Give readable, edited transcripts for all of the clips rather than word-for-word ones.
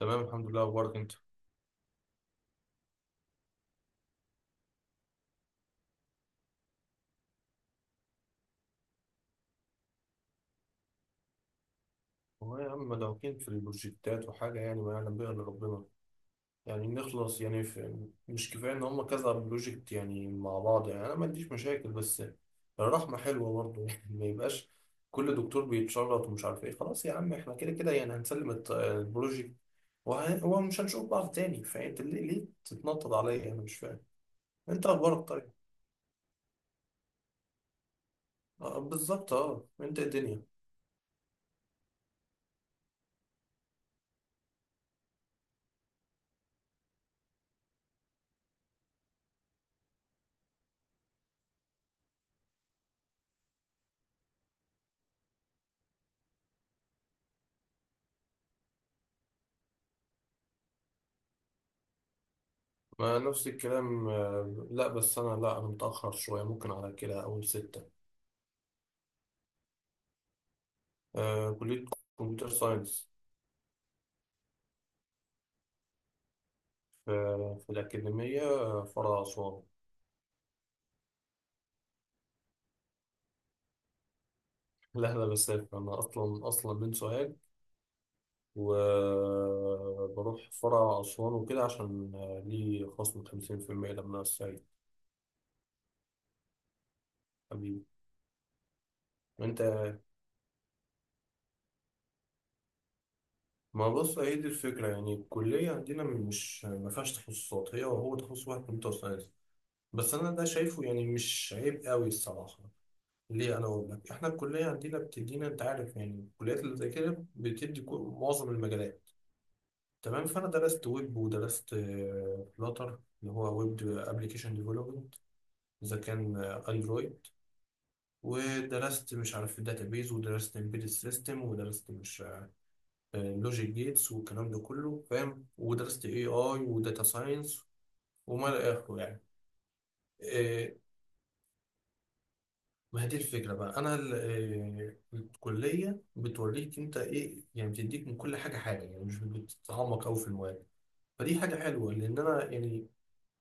تمام، الحمد لله. اخبارك انت؟ هو يا عم مدعوكين في البروجكتات وحاجه يعني ما يعلم بها الا ربنا. يعني نخلص يعني في مش كفايه ان هم كذا بروجكت يعني مع بعض يعني انا ما عنديش مشاكل، بس الرحمه حلوه برضه يعني ما يبقاش كل دكتور بيتشرط ومش عارف ايه. خلاص يا عم احنا كده كده يعني هنسلم البروجكت ومش هنشوف بعض تاني. فانت ليه تتنطط عليا؟ انا مش فاهم. انت اخبارك طيب؟ بالظبط. اه انت إيه الدنيا؟ ما نفس الكلام. لا بس أنا، لا أنا متأخر شوية، ممكن على كده أول ستة. كلية كمبيوتر ساينس. في في الأكاديمية، فرع أسوان. لا أنا بسافر، أنا أصلا من سوهاج، وبروح فرع أسوان وكده عشان لي خصم خمسين في المية لما أنا السعيد. حبيبي. أنت؟ ما بص، هي دي الفكرة، يعني الكلية عندنا مش ما فيهاش تخصصات، هي وهو تخصص واحد كمبيوتر ساينس. بس أنا ده شايفه يعني مش عيب قوي الصراحة. ليه؟ انا اقول لك احنا الكليه عندنا بتدينا، انت عارف يعني الكليات اللي زي كده بتدي معظم المجالات. تمام، فانا درست ويب ودرست فلاتر اللي هو ويب ابلكيشن ديفلوبمنت، اذا كان اندرويد، ودرست مش عارف بيز، ودرست امبيدد سيستم، ودرست مش لوجيك جيتس والكلام ده كله فاهم، ودرست اي اي وداتا ساينس، وما الى اخره يعني. آه، ما هي دي الفكرة بقى. أنا ال- آه، الكلية بتوريك أنت إيه، يعني بتديك من كل حاجة حاجة، يعني مش بتتعمق أوي في المواد. فدي حاجة حلوة، لأن أنا يعني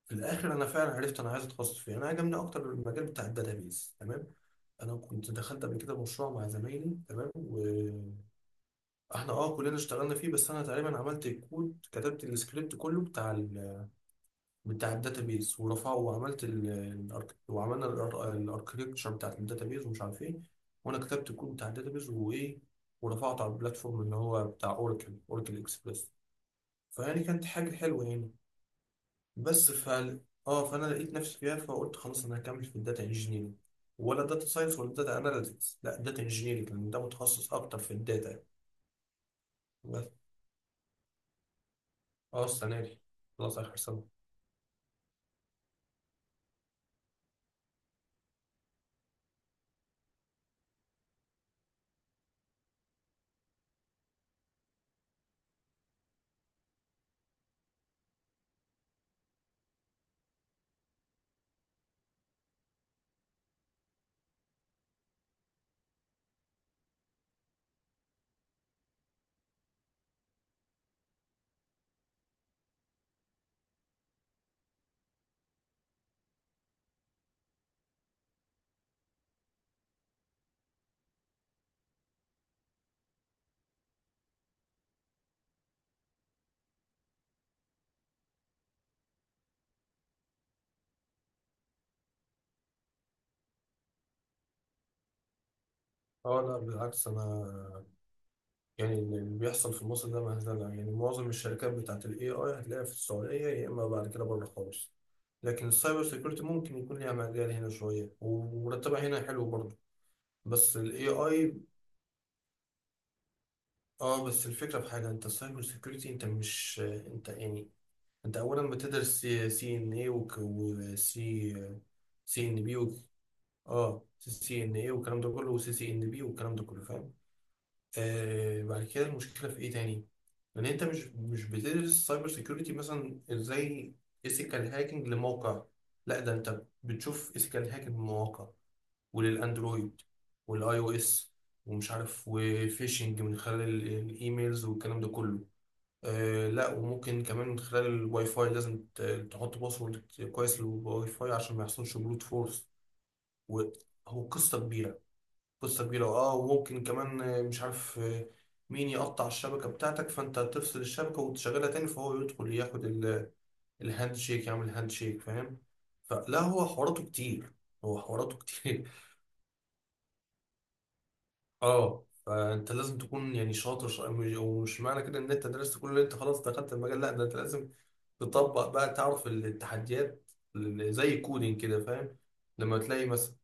في الآخر أنا فعلا عرفت أنا عايز أتخصص فيه. أنا عجبني أكتر المجال بتاع الداتابيز. تمام، أنا كنت دخلت قبل كده مشروع مع زمايلي، تمام، وإحنا أه كلنا اشتغلنا فيه، بس أنا تقريبا عملت الكود، كتبت السكريبت كله بتاع بتاع الداتابيز ورفعه، وعملت وعملنا الاركتكتشر بتاعت الداتابيز ومش عارف ايه، وانا كتبت الكود بتاع الداتابيز وايه، ورفعته على البلاتفورم اللي هو بتاع اوراكل، اوراكل اكسبريس. فيعني كانت حاجه حلوه يعني. بس ف اه فانا لقيت نفسي فيها، فقلت خلاص انا هكمل في الداتا انجينيرنج، ولا داتا ساينس ولا داتا اناليتكس. لا، داتا انجينيرنج، لان ده متخصص اكتر في الداتا. بس اه السنه دي، خلاص اخر سنه. اه لا بالعكس. انا يعني اللي بيحصل في مصر ده مهزلة، يعني معظم الشركات بتاعت ال AI هتلاقيها في السعودية، يا إما بعد كده بره خالص. لكن السايبر سيكيورتي ممكن يكون ليها مجال هنا شوية، ومرتبها هنا حلو برضه. بس ال AI، اه بس الفكرة في حاجة، انت السايبر سيكيورتي انت مش انت يعني، انت أولا بتدرس سي ان اي سي ان بي. اه سي ان اي والكلام ده كله، وسي سي ان بي والكلام ده كله فاهم. آه بعد كده المشكلة في إيه تاني؟ إن أنت مش بتدرس سايبر سيكيورتي مثلا إزاي، إيثيكال هاكينج لموقع، لا، ده أنت بتشوف إيثيكال هاكينج لمواقع وللأندرويد والأي أو إس ومش عارف، وفيشنج من خلال الإيميلز والكلام ده كله، آه لا، وممكن كمان من خلال الواي فاي لازم تحط باسورد كويس للواي فاي عشان ما يحصلش بروت فورس، وهو قصة كبيرة. قصة كبيرة اه، وممكن كمان مش عارف مين يقطع الشبكة بتاعتك، فانت تفصل الشبكة وتشغلها تاني فهو يدخل ياخد الهاند شيك، يعمل هاند شيك فاهم. فلا هو حواراته كتير. هو حواراته كتير. اه فانت لازم تكون يعني شاطر، ومش معنى كده ان انت درست كل اللي انت، خلاص دخلت المجال. لا ده انت لازم تطبق بقى، تعرف التحديات زي الكودينج كده فاهم. لما تلاقي مثلا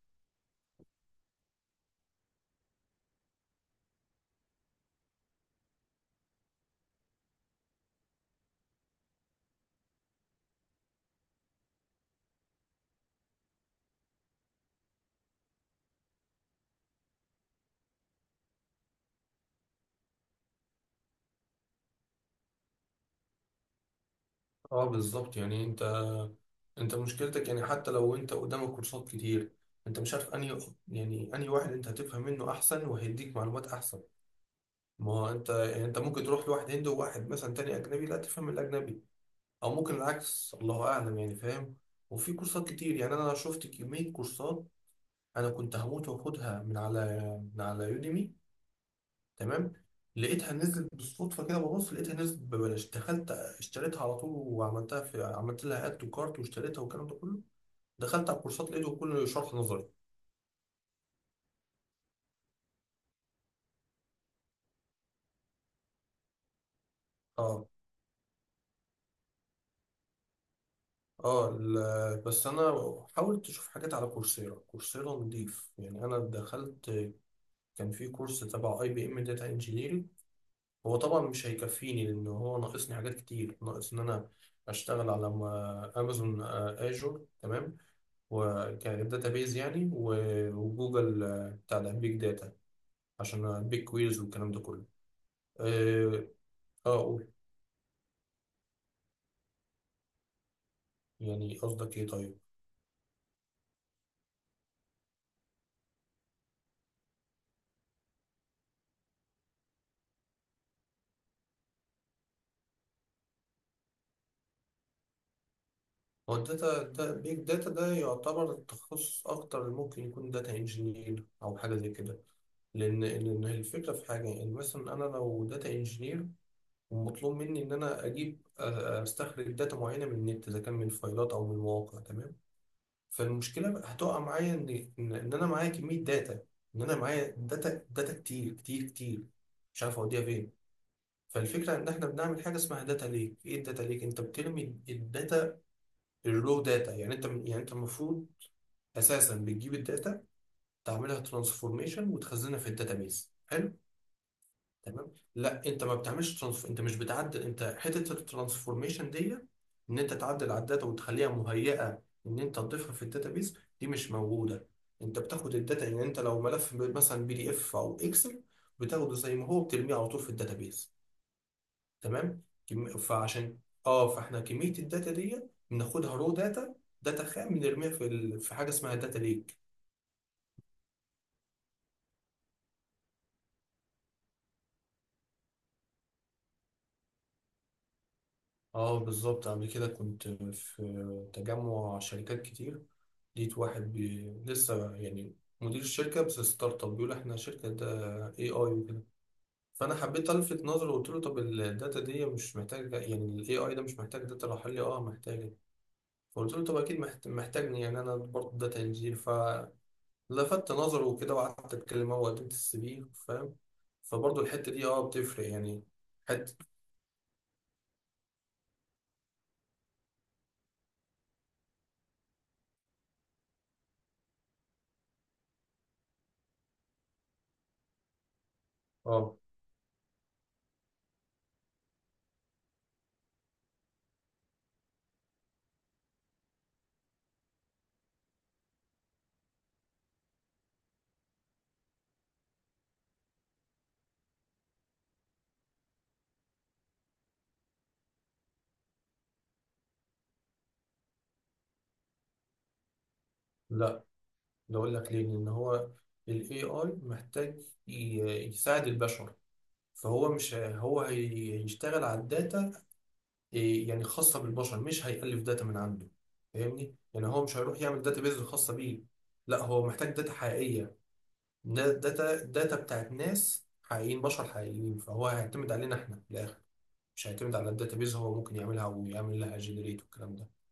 اه بالظبط، يعني انت، انت مشكلتك يعني، حتى لو انت قدامك كورسات كتير، انت مش عارف انهي، يعني انهي واحد انت هتفهم منه احسن وهيديك معلومات احسن. ما هو انت يعني، انت ممكن تروح لواحد هندي وواحد مثلا تاني اجنبي لا تفهم الاجنبي، او ممكن العكس، الله اعلم يعني فاهم. وفي كورسات كتير يعني، انا شفت كمية كورسات انا كنت هموت واخدها من على يوديمي. تمام، لقيتها نزلت بالصدفة كده، ببص لقيتها نزلت ببلاش، دخلت اشتريتها على طول وعملتها، في عملت لها اد وكارت واشتريتها والكلام ده كله، دخلت على كورسات لقيته كله شرح نظري. اه بس انا حاولت اشوف حاجات على كورسيرا. كورسيرا نضيف يعني. انا دخلت كان في كورس تبع اي بي ام داتا انجينيرنج. هو طبعا مش هيكفيني، لان هو ناقصني حاجات كتير، ناقص ان انا اشتغل على امازون اجور تمام، وكداتا بيز يعني، وجوجل بتاع البيج داتا، عشان بيج كويرز والكلام ده كله. اه قول. يعني قصدك ايه طيب؟ هو الداتا دا، بيج داتا ده يعتبر تخصص أكتر، اللي ممكن يكون داتا انجينير أو حاجة زي كده. لأن الفكرة في حاجة، يعني مثلا أنا لو داتا انجينير ومطلوب مني إن أنا أجيب أستخرج داتا معينة من النت، إذا كان من فايلات أو من مواقع تمام. فالمشكلة بقى هتقع معايا، إن أنا معايا كمية داتا، إن أنا معايا داتا كتير كتير كتير، مش عارف أوديها فين. فالفكرة إن إحنا بنعمل حاجة اسمها داتا ليك. إيه الداتا ليك؟ أنت بترمي الداتا، الرو داتا، يعني انت يعني انت المفروض اساسا بتجيب الداتا، تعملها ترانسفورميشن وتخزنها في الداتابيس، حلو. تمام لا، انت ما انت مش بتعدل، انت حته الترانسفورميشن دي ان انت تعدل على الداتا وتخليها مهيئه ان انت تضيفها في الداتابيس، دي مش موجوده. انت بتاخد الداتا، يعني انت لو ملف مثلا بي دي اف او اكسل، بتاخده زي ما هو بترميه على طول في الداتابيس. تمام فعشان اه، فاحنا كميه الداتا دي بناخدها رو داتا، داتا خام، بنرميها في في حاجه اسمها داتا ليك. اه بالظبط، قبل كده كنت في تجمع شركات كتير، لقيت واحد لسه يعني مدير الشركه بس، ستارت اب، بيقول احنا شركه ده اي اي وكده. فانا حبيت الفت نظره وقلت له طب الداتا دي مش محتاجه؟ يعني الاي اي ده مش محتاج داتا؟ راح قال لي اه محتاجه. فقلت له طب اكيد محتاجني، يعني انا برضه داتا انجينير ف لفت نظره وكده وقعدت اتكلم، هو قدمت السي في فاهم. فبرضه الحته دي اه بتفرق يعني. حته اه لا، ده اقول لك ليه. لان هو الاي اي محتاج يساعد البشر، فهو مش ه- هو هي- هيشتغل على الداتا، إيه، يعني خاصه بالبشر، مش هيألف داتا من عنده. فاهمني، يعني هو مش هيروح يعمل داتا بيز خاصه بيه، لا هو محتاج داتا حقيقيه، داتا بتاعت ناس حقيقيين بشر حقيقيين. فهو هيعتمد علينا احنا في الاخر، مش هيعتمد على الداتابيز. هو ممكن يعملها ويعمل لها جنريت والكلام ده